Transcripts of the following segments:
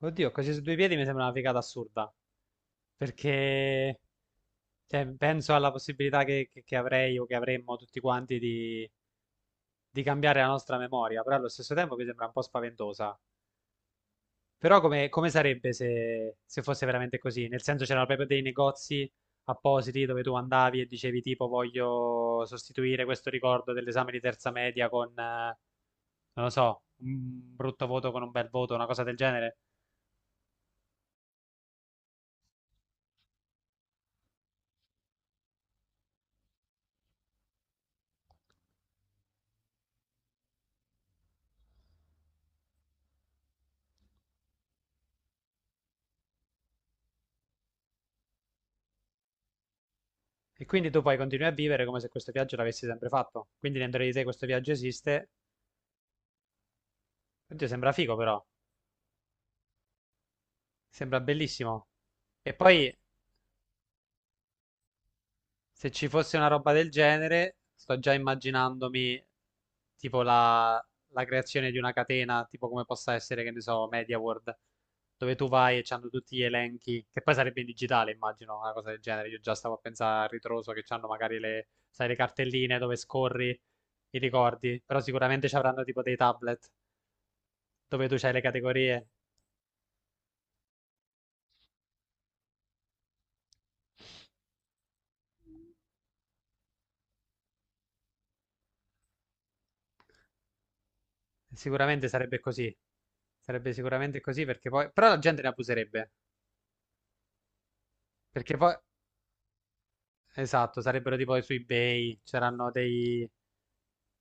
Oddio, così su due piedi mi sembra una figata assurda, perché cioè, penso alla possibilità che avrei o che avremmo tutti quanti di cambiare la nostra memoria, però allo stesso tempo mi sembra un po' spaventosa. Però come sarebbe se fosse veramente così? Nel senso c'erano proprio dei negozi appositi dove tu andavi e dicevi tipo voglio sostituire questo ricordo dell'esame di terza media con, non lo so, un brutto voto con un bel voto, una cosa del genere? E quindi tu poi continui a vivere come se questo viaggio l'avessi sempre fatto. Quindi dentro di te questo viaggio esiste. Oddio, sembra figo però. Sembra bellissimo. E poi se ci fosse una roba del genere, sto già immaginandomi tipo la, la creazione di una catena, tipo come possa essere, che ne so, Media World, dove tu vai e c'hanno tutti gli elenchi, che poi sarebbe in digitale, immagino, una cosa del genere. Io già stavo a pensare a ritroso che c'hanno magari le, sai, le cartelline dove scorri i ricordi, però sicuramente ci avranno tipo dei tablet dove tu c'hai le categorie. Sicuramente sarebbe così. Sarebbe sicuramente così perché poi... Però la gente ne abuserebbe. Perché poi... Esatto, sarebbero tipo su eBay, c'erano dei,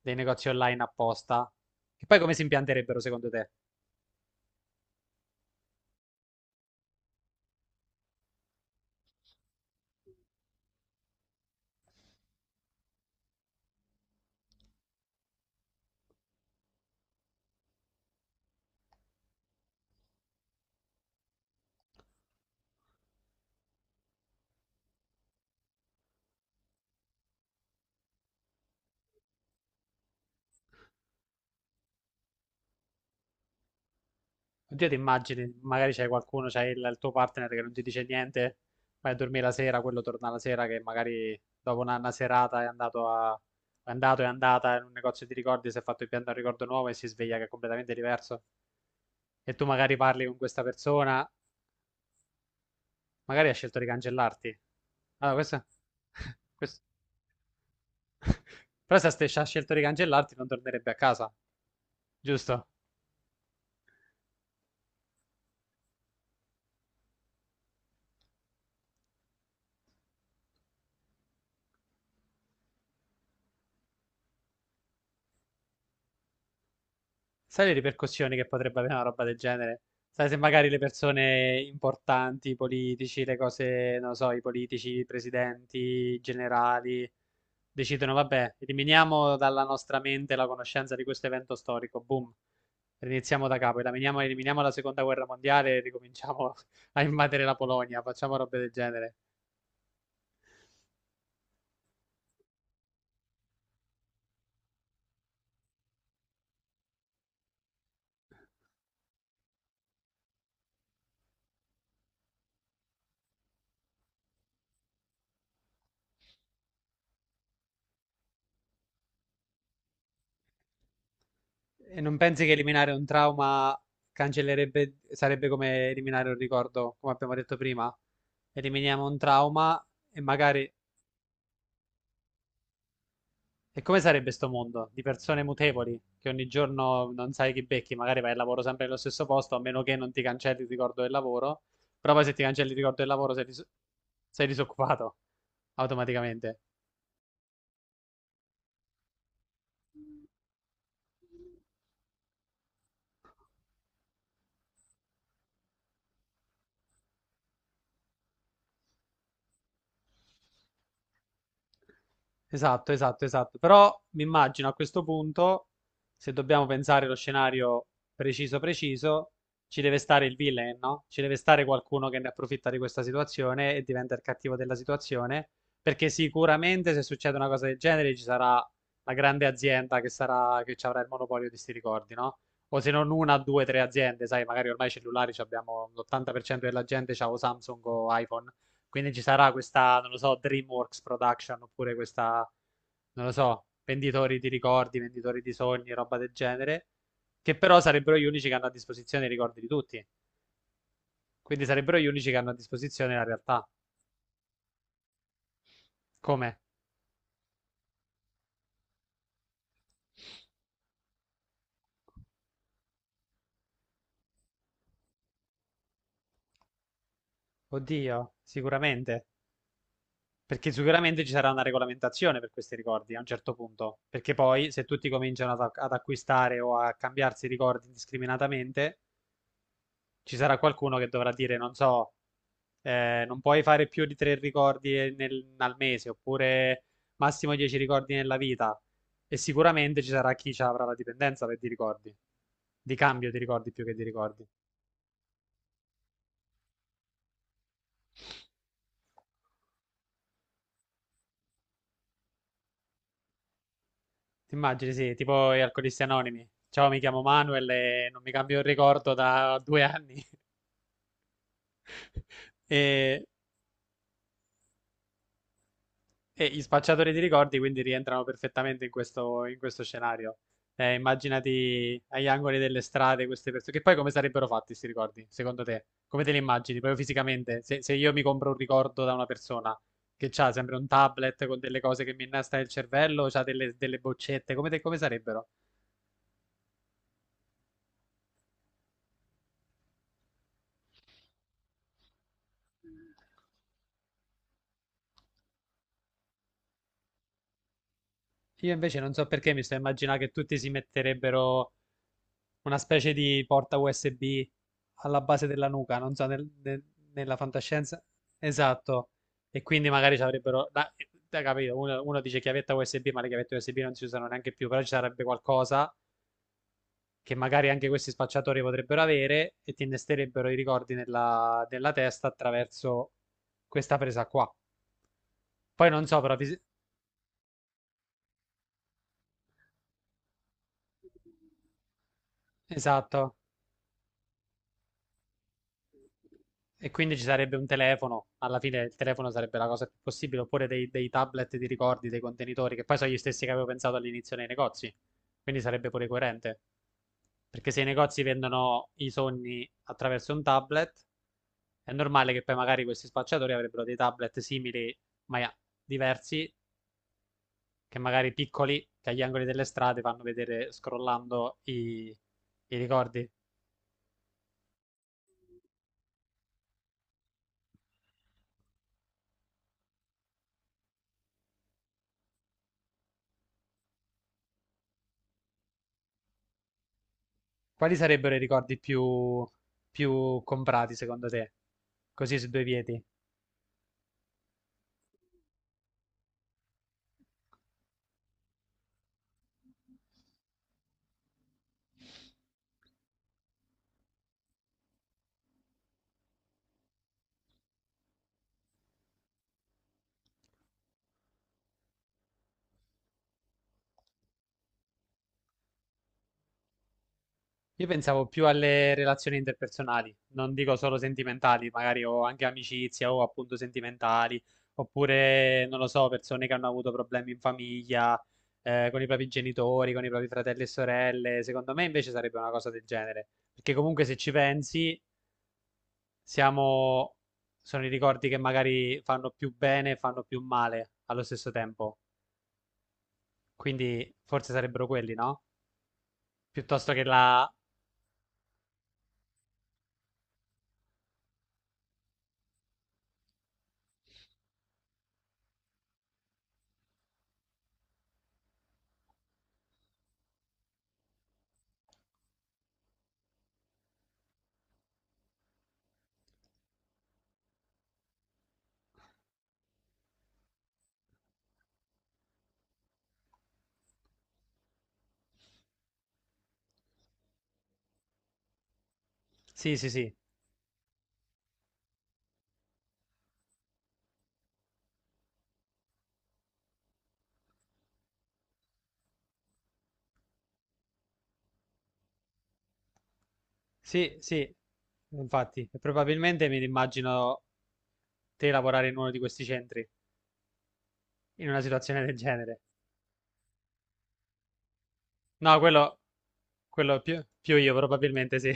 dei negozi online apposta. Che poi come si impianterebbero secondo te? Oddio, ti immagini, magari c'è qualcuno, c'è il tuo partner che non ti dice niente, vai a dormire la sera, quello torna la sera che magari dopo una serata è andato a... È andato, è andata in un negozio di ricordi, si è fatto impiantare un ricordo nuovo e si sveglia che è completamente diverso. E tu magari parli con questa persona, magari ha scelto di cancellarti. Allora, questo- Però se ha scelto di cancellarti non tornerebbe a casa, giusto? Sai le ripercussioni che potrebbe avere una roba del genere? Sai se magari le persone importanti, i politici, le cose, non lo so, i politici, i presidenti, i generali, decidono, vabbè, eliminiamo dalla nostra mente la conoscenza di questo evento storico, boom, riniziamo da capo, eliminiamo, eliminiamo la seconda guerra mondiale e ricominciamo a invadere la Polonia, facciamo robe del genere. E non pensi che eliminare un trauma cancellerebbe, sarebbe come eliminare un ricordo, come abbiamo detto prima? Eliminiamo un trauma e magari... E come sarebbe sto mondo di persone mutevoli che ogni giorno non sai chi becchi, magari vai al lavoro sempre nello stesso posto, a meno che non ti cancelli il ricordo del lavoro, però poi se ti cancelli il ricordo del lavoro sei, sei disoccupato automaticamente. Esatto, esatto, esatto. Però mi immagino a questo punto, se dobbiamo pensare allo scenario preciso preciso, ci deve stare il villain, no? Ci deve stare qualcuno che ne approfitta di questa situazione e diventa il cattivo della situazione, perché sicuramente se succede una cosa del genere ci sarà la grande azienda che sarà, che ci avrà il monopolio di sti ricordi, no? O se non una, due, tre aziende, sai, magari ormai i cellulari ci abbiamo l'80% della gente c'ha o Samsung o iPhone, quindi ci sarà questa, non lo so, DreamWorks Production oppure questa, non lo so, venditori di ricordi, venditori di sogni, roba del genere, che però sarebbero gli unici che hanno a disposizione i ricordi di tutti. Quindi sarebbero gli unici che hanno a disposizione la realtà. Come? Oddio, sicuramente. Perché sicuramente ci sarà una regolamentazione per questi ricordi a un certo punto. Perché poi, se tutti cominciano ad acquistare o a cambiarsi i ricordi indiscriminatamente, ci sarà qualcuno che dovrà dire, non so, non puoi fare più di tre ricordi al mese, oppure massimo 10 ricordi nella vita. E sicuramente ci sarà chi ci avrà la dipendenza per di ricordi, di cambio di ricordi più che di ricordi. Ti immagini, sì, tipo gli alcolisti anonimi. Ciao, mi chiamo Manuel e non mi cambio il ricordo da 2 anni. E e gli spacciatori di ricordi quindi rientrano perfettamente in questo scenario. Immaginati agli angoli delle strade queste persone, che poi come sarebbero fatti questi ricordi, secondo te? Come te li immagini, proprio fisicamente? Se, se io mi compro un ricordo da una persona che ha sempre un tablet con delle cose che mi innesta nel cervello, ha delle boccette, come, come sarebbero? Io invece non so perché mi sto immaginando che tutti si metterebbero una specie di porta USB alla base della nuca, non so, nella fantascienza. Esatto. E quindi magari ci avrebbero... da capito, uno dice chiavetta USB, ma le chiavette USB non si usano neanche più, però ci sarebbe qualcosa che magari anche questi spacciatori potrebbero avere e ti innesterebbero i ricordi nella testa attraverso questa presa qua. Poi non so, però... esatto. E quindi ci sarebbe un telefono, alla fine il telefono sarebbe la cosa più possibile, oppure dei tablet di ricordi, dei contenitori, che poi sono gli stessi che avevo pensato all'inizio nei negozi, quindi sarebbe pure coerente. Perché se i negozi vendono i sogni attraverso un tablet, è normale che poi magari questi spacciatori avrebbero dei tablet simili, ma diversi, che magari piccoli, che agli angoli delle strade fanno vedere scrollando i ricordi. Quali sarebbero i ricordi più comprati secondo te? Così su due piedi. Io pensavo più alle relazioni interpersonali, non dico solo sentimentali, magari ho anche amicizia o appunto sentimentali, oppure non lo so, persone che hanno avuto problemi in famiglia, con i propri genitori, con i propri fratelli e sorelle. Secondo me invece sarebbe una cosa del genere, perché comunque se ci pensi, siamo... sono i ricordi che magari fanno più bene e fanno più male allo stesso tempo. Quindi forse sarebbero quelli, no? Piuttosto che la... Sì, sì, sì, sì, sì, infatti, e probabilmente mi immagino te lavorare in uno di questi centri, in una situazione del genere. No, quello più, più io, probabilmente sì.